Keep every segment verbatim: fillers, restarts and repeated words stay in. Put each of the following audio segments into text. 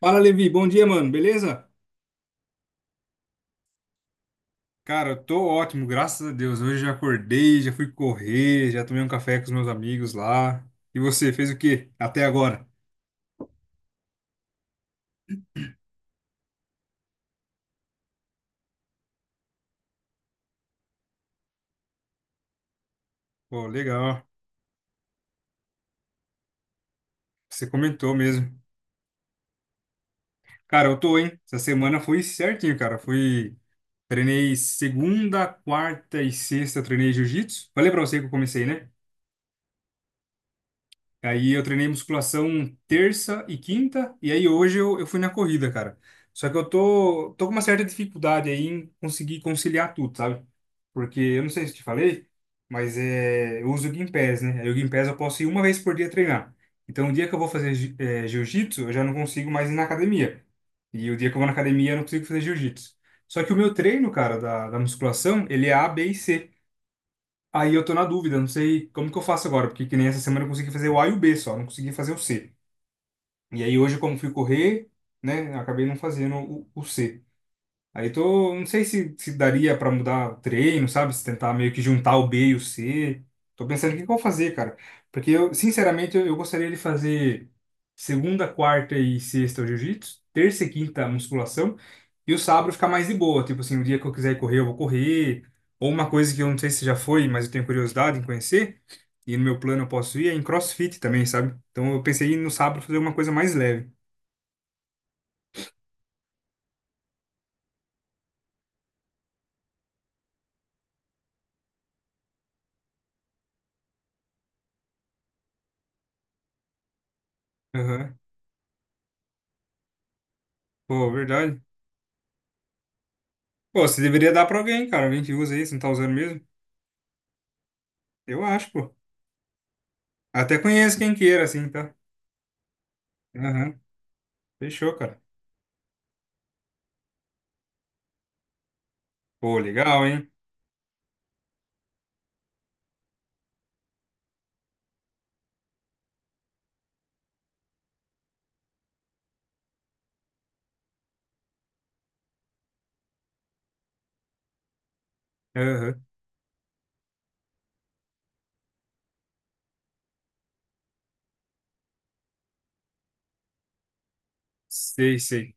Fala, Levi. Bom dia, mano. Beleza? Cara, eu tô ótimo, graças a Deus. Hoje já acordei, já fui correr, já tomei um café com os meus amigos lá. E você, fez o quê até agora? Pô, legal. Você comentou mesmo. Cara, eu tô, hein? Essa semana foi certinho, cara. Fui, treinei segunda, quarta e sexta, treinei jiu-jitsu. Falei pra você que eu comecei, né? Aí eu treinei musculação terça e quinta, e aí hoje eu, eu fui na corrida, cara. Só que eu tô, tô com uma certa dificuldade aí em conseguir conciliar tudo, sabe? Porque eu não sei se te falei, mas é, eu uso o Gympass, né? Aí o Gympass eu posso ir uma vez por dia treinar. Então o dia que eu vou fazer ji- eh, jiu-jitsu, eu já não consigo mais ir na academia. E o dia que eu vou na academia, eu não consigo fazer jiu-jitsu. Só que o meu treino, cara, da, da musculação, ele é A, B e C. Aí eu tô na dúvida, não sei como que eu faço agora, porque que nem essa semana eu consegui fazer o A e o B só, não consegui fazer o C. E aí hoje, como fui correr, né, acabei não fazendo o, o C. Aí tô, não sei se, se daria pra mudar o treino, sabe? Se tentar meio que juntar o B e o C. Tô pensando o que que eu vou fazer, cara. Porque eu, sinceramente, eu, eu gostaria de fazer segunda, quarta e sexta o jiu-jitsu, terça e quinta a musculação, e o sábado ficar mais de boa. Tipo assim, o dia que eu quiser correr, eu vou correr. Ou uma coisa que eu não sei se já foi, mas eu tenho curiosidade em conhecer, e no meu plano eu posso ir, é em CrossFit também, sabe? Então eu pensei em no sábado fazer uma coisa mais leve. Aham. Pô, verdade. Pô, você deveria dar pra alguém, cara. Alguém que usa isso, não tá usando mesmo? Eu acho, pô. Até conheço quem queira, assim, tá? Aham. Fechou, cara. Pô, legal, hein? Aham. Sei, sei.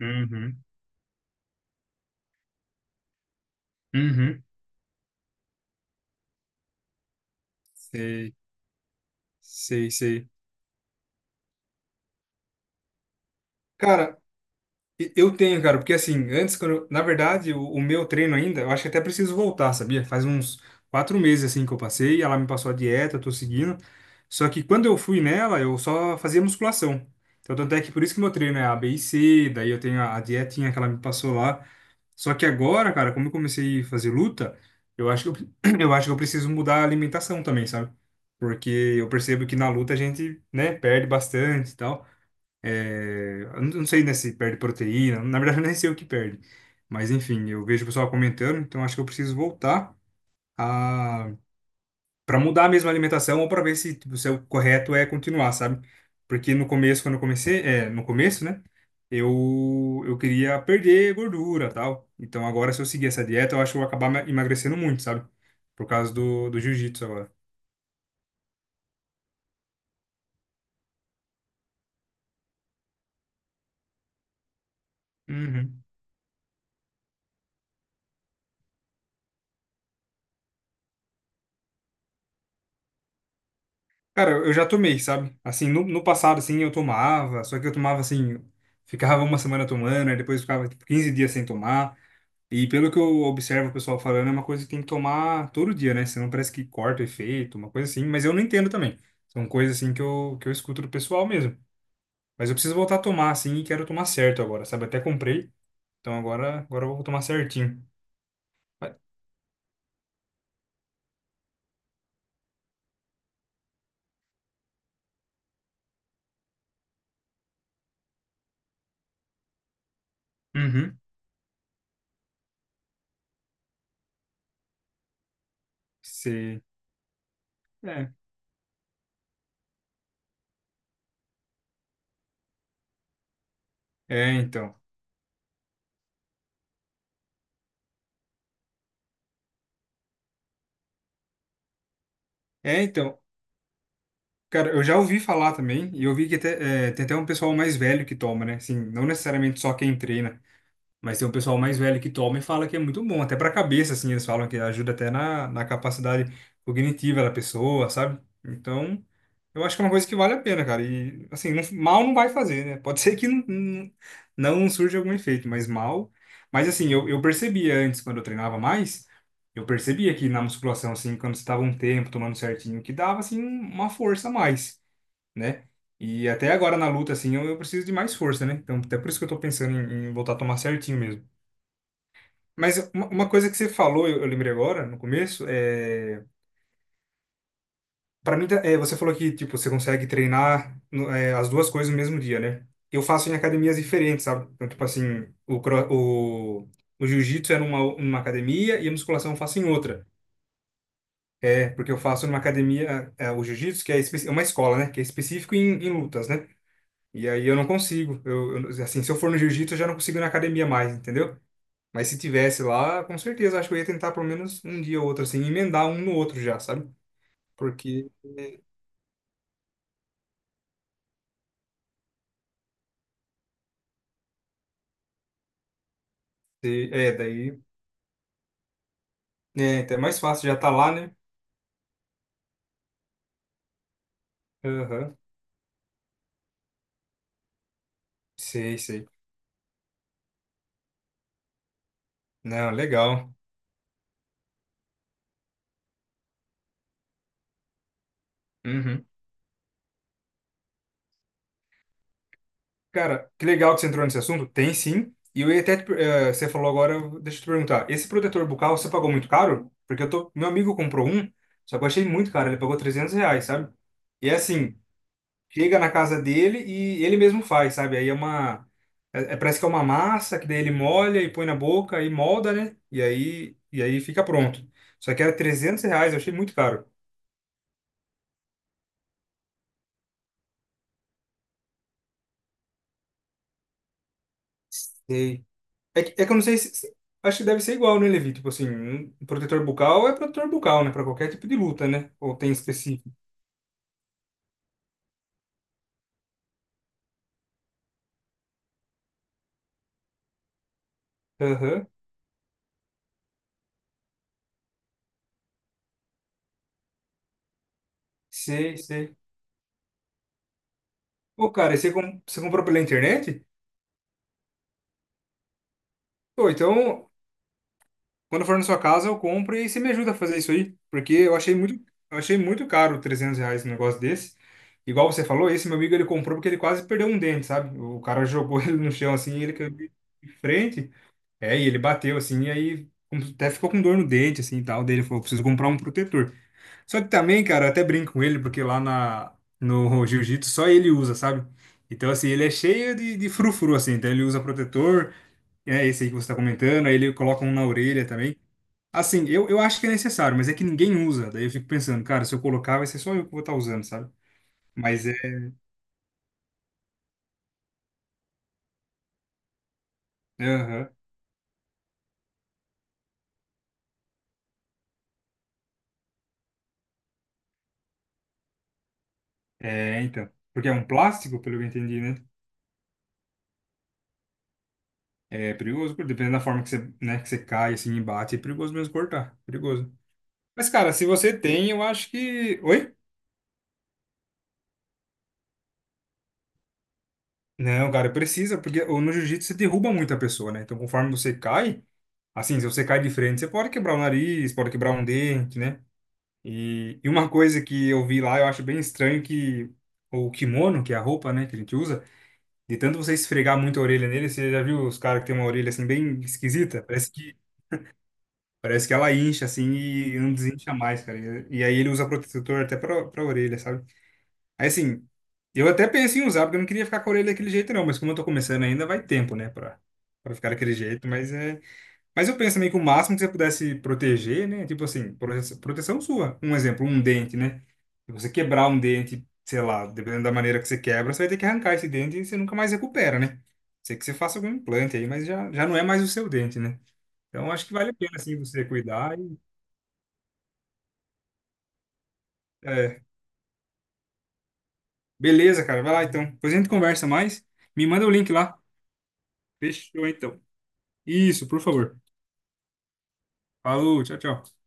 Uhum. Uhum. Sei, sei, sei. Cara, E- eu tenho, cara, porque assim, antes, quando eu- na verdade, o, o meu treino ainda, eu acho que até preciso voltar, sabia? Faz uns quatro meses assim que eu passei, ela me passou a dieta, eu tô seguindo. Só que quando eu fui nela, eu só fazia musculação. Então, tanto é que por isso que meu treino é A, B e C, daí eu tenho a, a dietinha que ela me passou lá. Só que agora, cara, como eu comecei a fazer luta, eu acho que eu, eu acho que eu preciso mudar a alimentação também, sabe? Porque eu percebo que na luta a gente, né, perde bastante e tal. É, eu não não sei, né, se perde proteína, na verdade eu nem sei o que perde. Mas enfim, eu vejo o pessoal comentando, então acho que eu preciso voltar a para mudar mesmo a alimentação ou para ver se, tipo, se é o correto é continuar, sabe? Porque no começo, quando eu comecei, é, no começo, né, eu eu queria perder gordura, tal. Então agora se eu seguir essa dieta, eu acho que eu vou acabar me- emagrecendo muito, sabe? Por causa do do jiu-jitsu agora. Uhum. Cara, eu já tomei, sabe? Assim, no, no passado, assim, eu tomava, só que eu tomava, assim, ficava uma semana tomando, aí depois ficava, tipo, quinze dias sem tomar. E pelo que eu observo o pessoal falando, é uma coisa que tem que tomar todo dia, né? Senão parece que corta o efeito, uma coisa assim. Mas eu não entendo também. São coisas, assim, que eu, que eu escuto do pessoal mesmo. Mas eu preciso voltar a tomar, assim, e quero tomar certo agora, sabe? Até comprei, então agora, agora eu vou tomar certinho. Mas. Uhum. Se. É. É, então. É, então. Cara, eu já ouvi falar também, e eu vi que até, é, tem até um pessoal mais velho que toma, né? Assim, não necessariamente só quem treina, mas tem um pessoal mais velho que toma e fala que é muito bom, até pra cabeça, assim, eles falam que ajuda até na, na capacidade cognitiva da pessoa, sabe? Então, eu acho que é uma coisa que vale a pena, cara. E, assim, não- mal não vai fazer, né? Pode ser que não, não, não surja algum efeito, mas mal. Mas, assim, eu, eu percebia antes, quando eu treinava mais. Eu percebia que na musculação, assim, quando você estava um tempo tomando certinho, que dava, assim, uma força a mais né? E até agora na luta, assim, eu, eu preciso de mais força, né? Então, até por isso que eu tô pensando em, em voltar a tomar certinho mesmo. Mas uma, uma coisa que você falou, eu, eu lembrei agora, no começo, é. Pra mim, tá- é, você falou que, tipo, você consegue treinar no- é, as duas coisas no mesmo dia, né? Eu faço em academias diferentes, sabe? Então, tipo assim, o, cro- o, o jiu-jitsu é numa, numa academia e a musculação eu faço em outra. É, porque eu faço numa academia, é, o jiu-jitsu, que é espe- é uma escola, né? Que é específico em, em lutas, né? E aí eu não consigo. Eu, eu- assim, se eu for no jiu-jitsu, eu já não consigo ir na academia mais, entendeu? Mas se tivesse lá, com certeza, acho que eu ia tentar pelo menos um dia ou outro, assim, emendar um no outro já, sabe? Porque, se- é, daí, é, então é mais fácil, já tá lá, né? Aham, sei, sei. Não, legal. Uhum. Cara, que legal que você entrou nesse assunto. Tem sim. E eu ia até, te per- eh, você falou agora, eu- deixa eu te perguntar. Esse protetor bucal, você pagou muito caro? Porque eu tô, meu amigo comprou um, só que eu achei muito caro, ele pagou trezentos reais, sabe? E é assim, chega na casa dele e ele mesmo faz, sabe? Aí é uma. É, é- parece que é uma massa que daí ele molha e põe na boca e molda, né? E aí, e aí fica pronto. Só que era trezentos reais, eu achei muito caro. Sei. É, que- é que eu não sei se. Se. Acho que deve ser igual, né, Levi? Tipo assim, um protetor bucal é protetor bucal, né? Pra qualquer tipo de luta, né? Ou tem específico. Aham. Sei, sei. Ô, cara, e você, com- você comprou pela internet? Pô, então quando for na sua casa, eu compro e você me ajuda a fazer isso aí, porque eu achei muito, eu achei muito caro trezentos reais um negócio desse. Igual você falou, esse meu amigo ele comprou porque ele quase perdeu um dente, sabe? O cara jogou ele no chão assim, e ele caiu de frente, é, e ele bateu assim, e aí até ficou com dor no dente assim e tal. Daí ele falou, preciso comprar um protetor. Só que também, cara, eu até brinco com ele porque lá na no jiu-jitsu só ele usa, sabe? Então assim, ele é cheio de, de frufru assim, então ele usa protetor, é esse aí que você tá comentando, aí ele coloca um na orelha também. Assim, eu, eu acho que é necessário, mas é que ninguém usa. Daí eu fico pensando, cara, se eu colocar, vai ser só eu que vou estar usando, sabe? Mas é. Aham. É, então. Porque é um plástico, pelo que eu entendi, né? É perigoso, porque dependendo da forma que você, né, que você cai, assim, e bate, é perigoso mesmo cortar. Perigoso. Mas, cara, se você tem, eu acho que. Oi? Não, cara, precisa, porque o- no jiu-jitsu você derruba muito a pessoa, né? Então, conforme você cai, assim, se você cai de frente, você pode quebrar o nariz, pode quebrar um dente, né? E, e uma coisa que eu vi lá, eu acho bem estranho que o kimono, que é a roupa, né, que a gente usa, de tanto você esfregar muito a orelha nele, você já viu os caras que tem uma orelha assim bem esquisita? Parece que parece que ela incha assim e não desincha mais, cara. E, e aí ele usa protetor até pra, pra orelha, sabe? Aí assim, eu até pensei em usar, porque eu não queria ficar com a orelha daquele jeito não, mas como eu tô começando ainda, vai tempo, né, pra, pra ficar daquele jeito, mas é mas eu penso também que o máximo que você pudesse proteger, né? Tipo assim, prote- proteção sua. Um exemplo, um dente, né? Se você quebrar um dente, sei lá, dependendo da maneira que você quebra, você vai ter que arrancar esse dente e você nunca mais recupera, né? A sei que você faça algum implante aí, mas já, já não é mais o seu dente, né? Então acho que vale a pena, assim, você cuidar. E, é, beleza, cara. Vai lá então. Depois a gente conversa mais. Me manda o link lá. Fechou então. Isso, por favor. Falou, tchau, tchau.